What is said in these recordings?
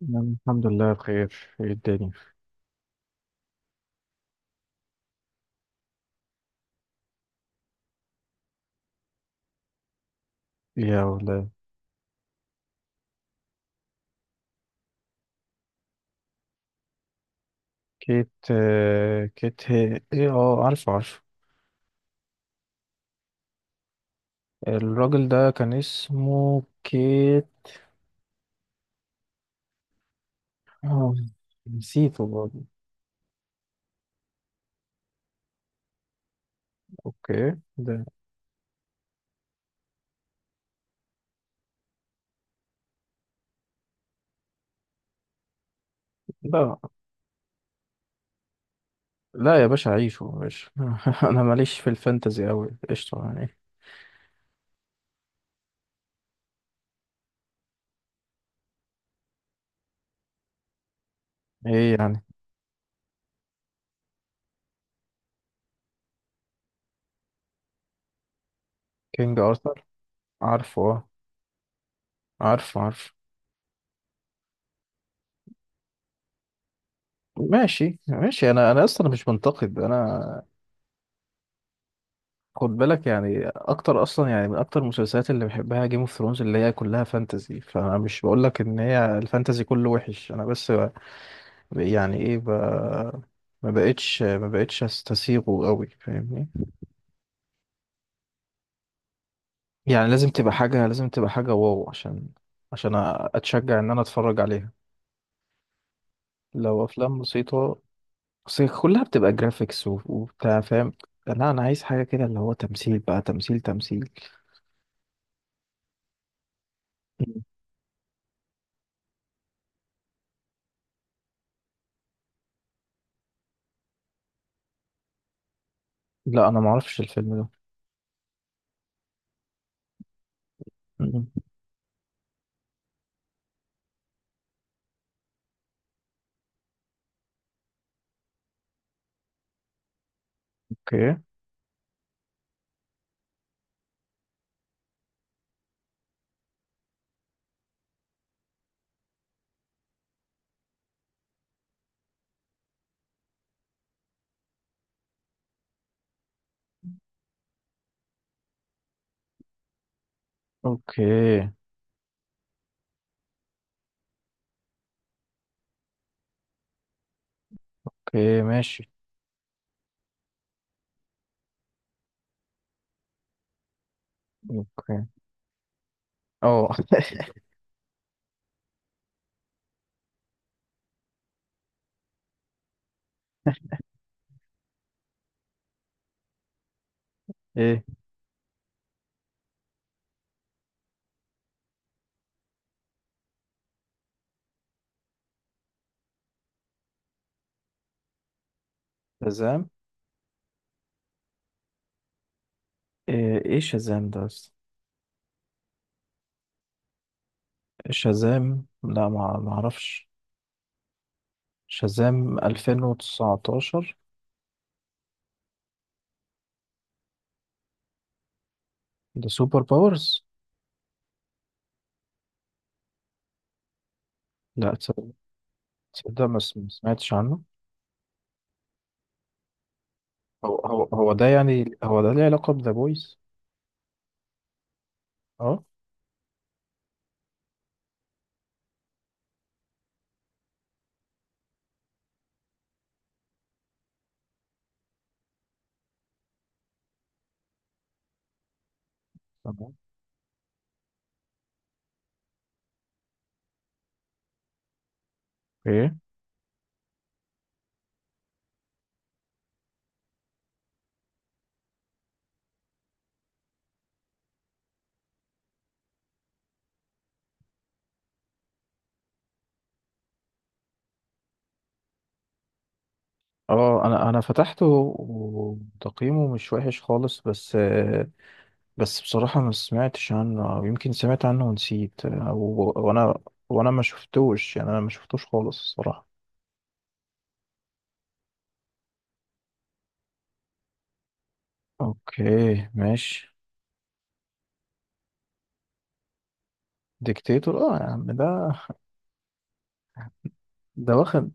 نعم، الحمد لله بخير. ايه الدنيا؟ يا ولا، كيت كيت هي ايه؟ اه، عارفه عارفه. الراجل ده كان اسمه كيت. آه، نسيته برضه. اوكي ده. لا لا يا باشا، عيشه يا باشا. انا ماليش في الفانتزي اوي، قشطة يعني. ايه يعني؟ كينج ارثر، عارفه اه، عارفه عارفه. ماشي ماشي، انا اصلا مش منتقد انا. خد بالك يعني، اكتر اصلا يعني من اكتر المسلسلات اللي بحبها جيم اوف ثرونز، اللي هي كلها فانتزي، فانا مش بقول لك ان هي الفانتزي كله وحش. انا بس يعني ايه ما بقتش استسيغه قوي، فاهمني؟ يعني لازم تبقى حاجة، لازم تبقى حاجة واو، عشان عشان اتشجع ان انا اتفرج عليها. لو افلام بسيطة، بس كلها بتبقى جرافيكس وبتاع، فاهم؟ لا انا عايز حاجة كده اللي هو تمثيل بقى، تمثيل تمثيل. مم. لا انا معرفش الفيلم ده. مم. اوكي، اوكي، اوكي، ماشي. اوكي. اه. ايه شازام؟ ايه شازام ده اصلا؟ شازام، لا، ما اعرفش. شازام 2019؟ ده سوبر باورز. لا تصدق. تصدق، ما سمعتش عنه. هو ده، يعني هو ده ليه علاقة بذا بويز؟ اه. تمام. اوكي. اه، انا فتحته، وتقييمه مش وحش خالص، بس بصراحة ما سمعتش عنه، أو يمكن سمعت عنه ونسيت، أو وأنا وأنا ما شفتوش يعني. أنا ما شفتوش خالص الصراحة. أوكي ماشي. ديكتاتور أه يا عم، ده واخد.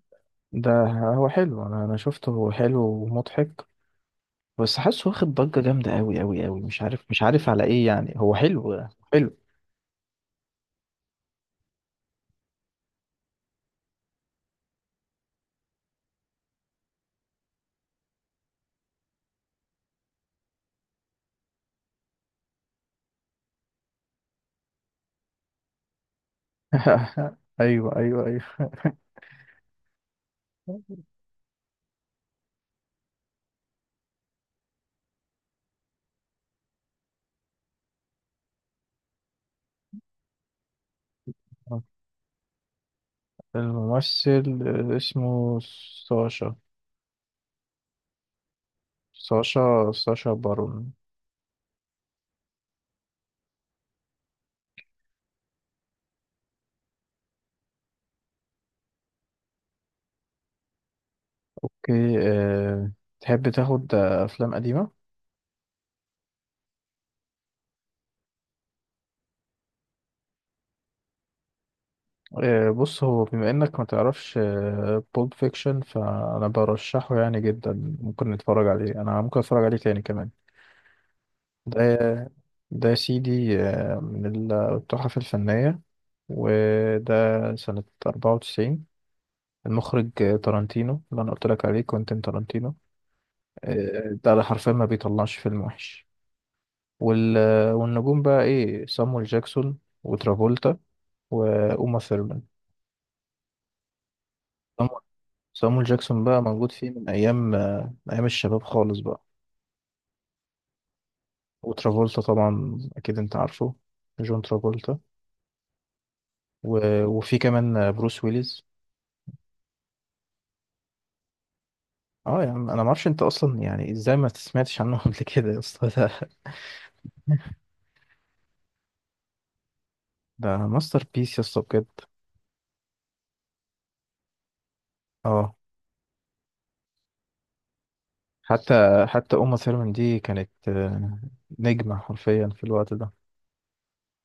ده هو حلو، أنا شفته، هو حلو ومضحك. بس حاسه واخد ضجة جامدة أوي أوي أوي، مش عارف على إيه يعني. هو حلو، حلو. أيوه أيوه أيوه. الممثل اسمه ساشا. ساشا بارون. اوكي. تحب تاخد افلام قديمه؟ بص، هو بما انك ما تعرفش بولب فيكشن، فانا برشحه يعني جدا. ممكن نتفرج عليه، انا ممكن اتفرج عليه تاني كمان. ده ده يا سيدي، من التحف الفنيه. وده سنه 94. المخرج تارانتينو، اللي انا قلت لك عليه، كوينتين تارانتينو. ده حرفيا ما بيطلعش فيلم وحش. وال... والنجوم بقى ايه؟ صامويل جاكسون وترافولتا وأوما ثيرمان. صامو- صامويل جاكسون بقى موجود فيه من أيام أيام الشباب خالص بقى. وترافولتا طبعا أكيد أنت عارفه، جون ترافولتا. و... وفي كمان بروس ويليز. اه يا عم، انا ما اعرفش انت اصلا يعني ازاي ما سمعتش عنه قبل كده يا اسطى. ده ماستر بيس يا اسطى بجد. اه. حتى حتى اوما ثيرمان دي كانت نجمة حرفيا في الوقت ده،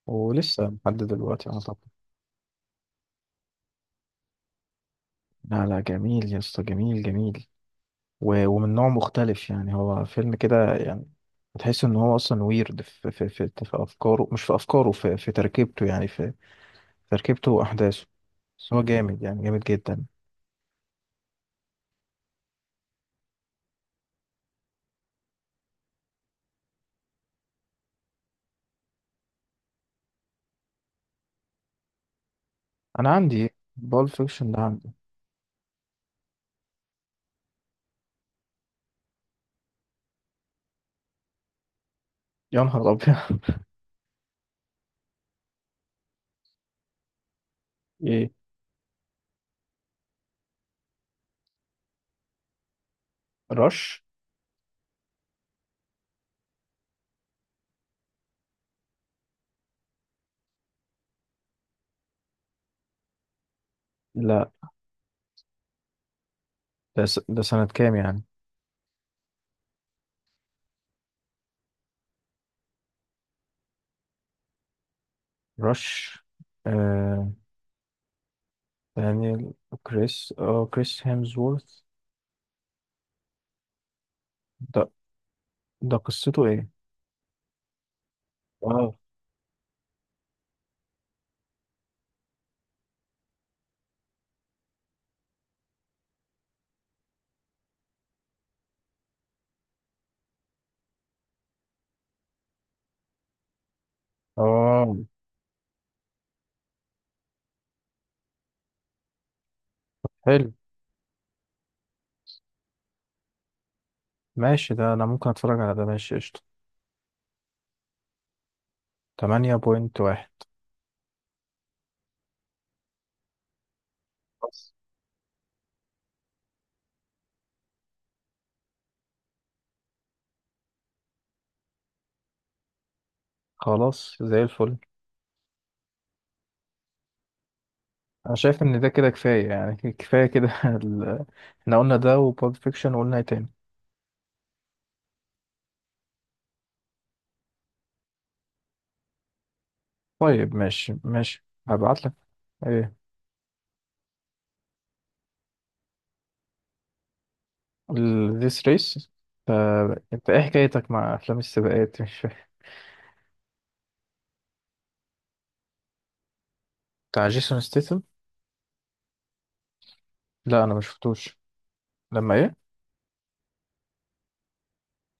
ولسه لحد دلوقتي. انا طبعا. لا لا جميل يا اسطى، جميل جميل. ومن نوع مختلف يعني. هو فيلم كده يعني، تحس ان هو اصلا ويرد في في افكاره، مش في افكاره، في تركيبته يعني. في تركيبته واحداثه. بس هو جامد يعني، جامد جدا. انا عندي بول فيكشن ده عندي. يا نهار ابيض! ايه رش؟ لا، ده سنة كام يعني؟ رش. آه... دانيال. كريس هيمزورث. ده ده قصته ايه؟ اه اه حلو، ماشي، ده انا ممكن اتفرج على ده، ماشي قشطة. 8.1. بس خلاص زي الفل. انا شايف ان ده كده كفاية يعني. كفاية كده. احنا قلنا ده وبولد فيكشن، وقلنا ايه تاني؟ طيب ماشي ماشي، هبعت لك. ايه؟ ذيس ريس. انت ايه حكايتك مع افلام السباقات؟ مش فاهم. بتاع جيسون ستيتم. لا، انا ما شفتوش. لما ايه؟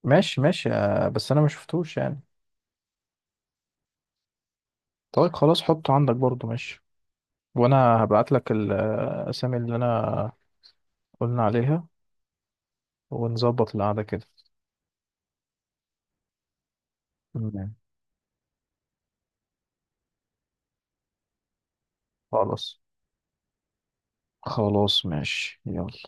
ماشي ماشي، بس انا ما شفتوش يعني. طيب خلاص، حطه عندك برضو ماشي. وانا هبعت لك الاسامي اللي انا قلنا عليها، ونظبط القعدة كده. تمام. خلاص خلاص ماشي يلا.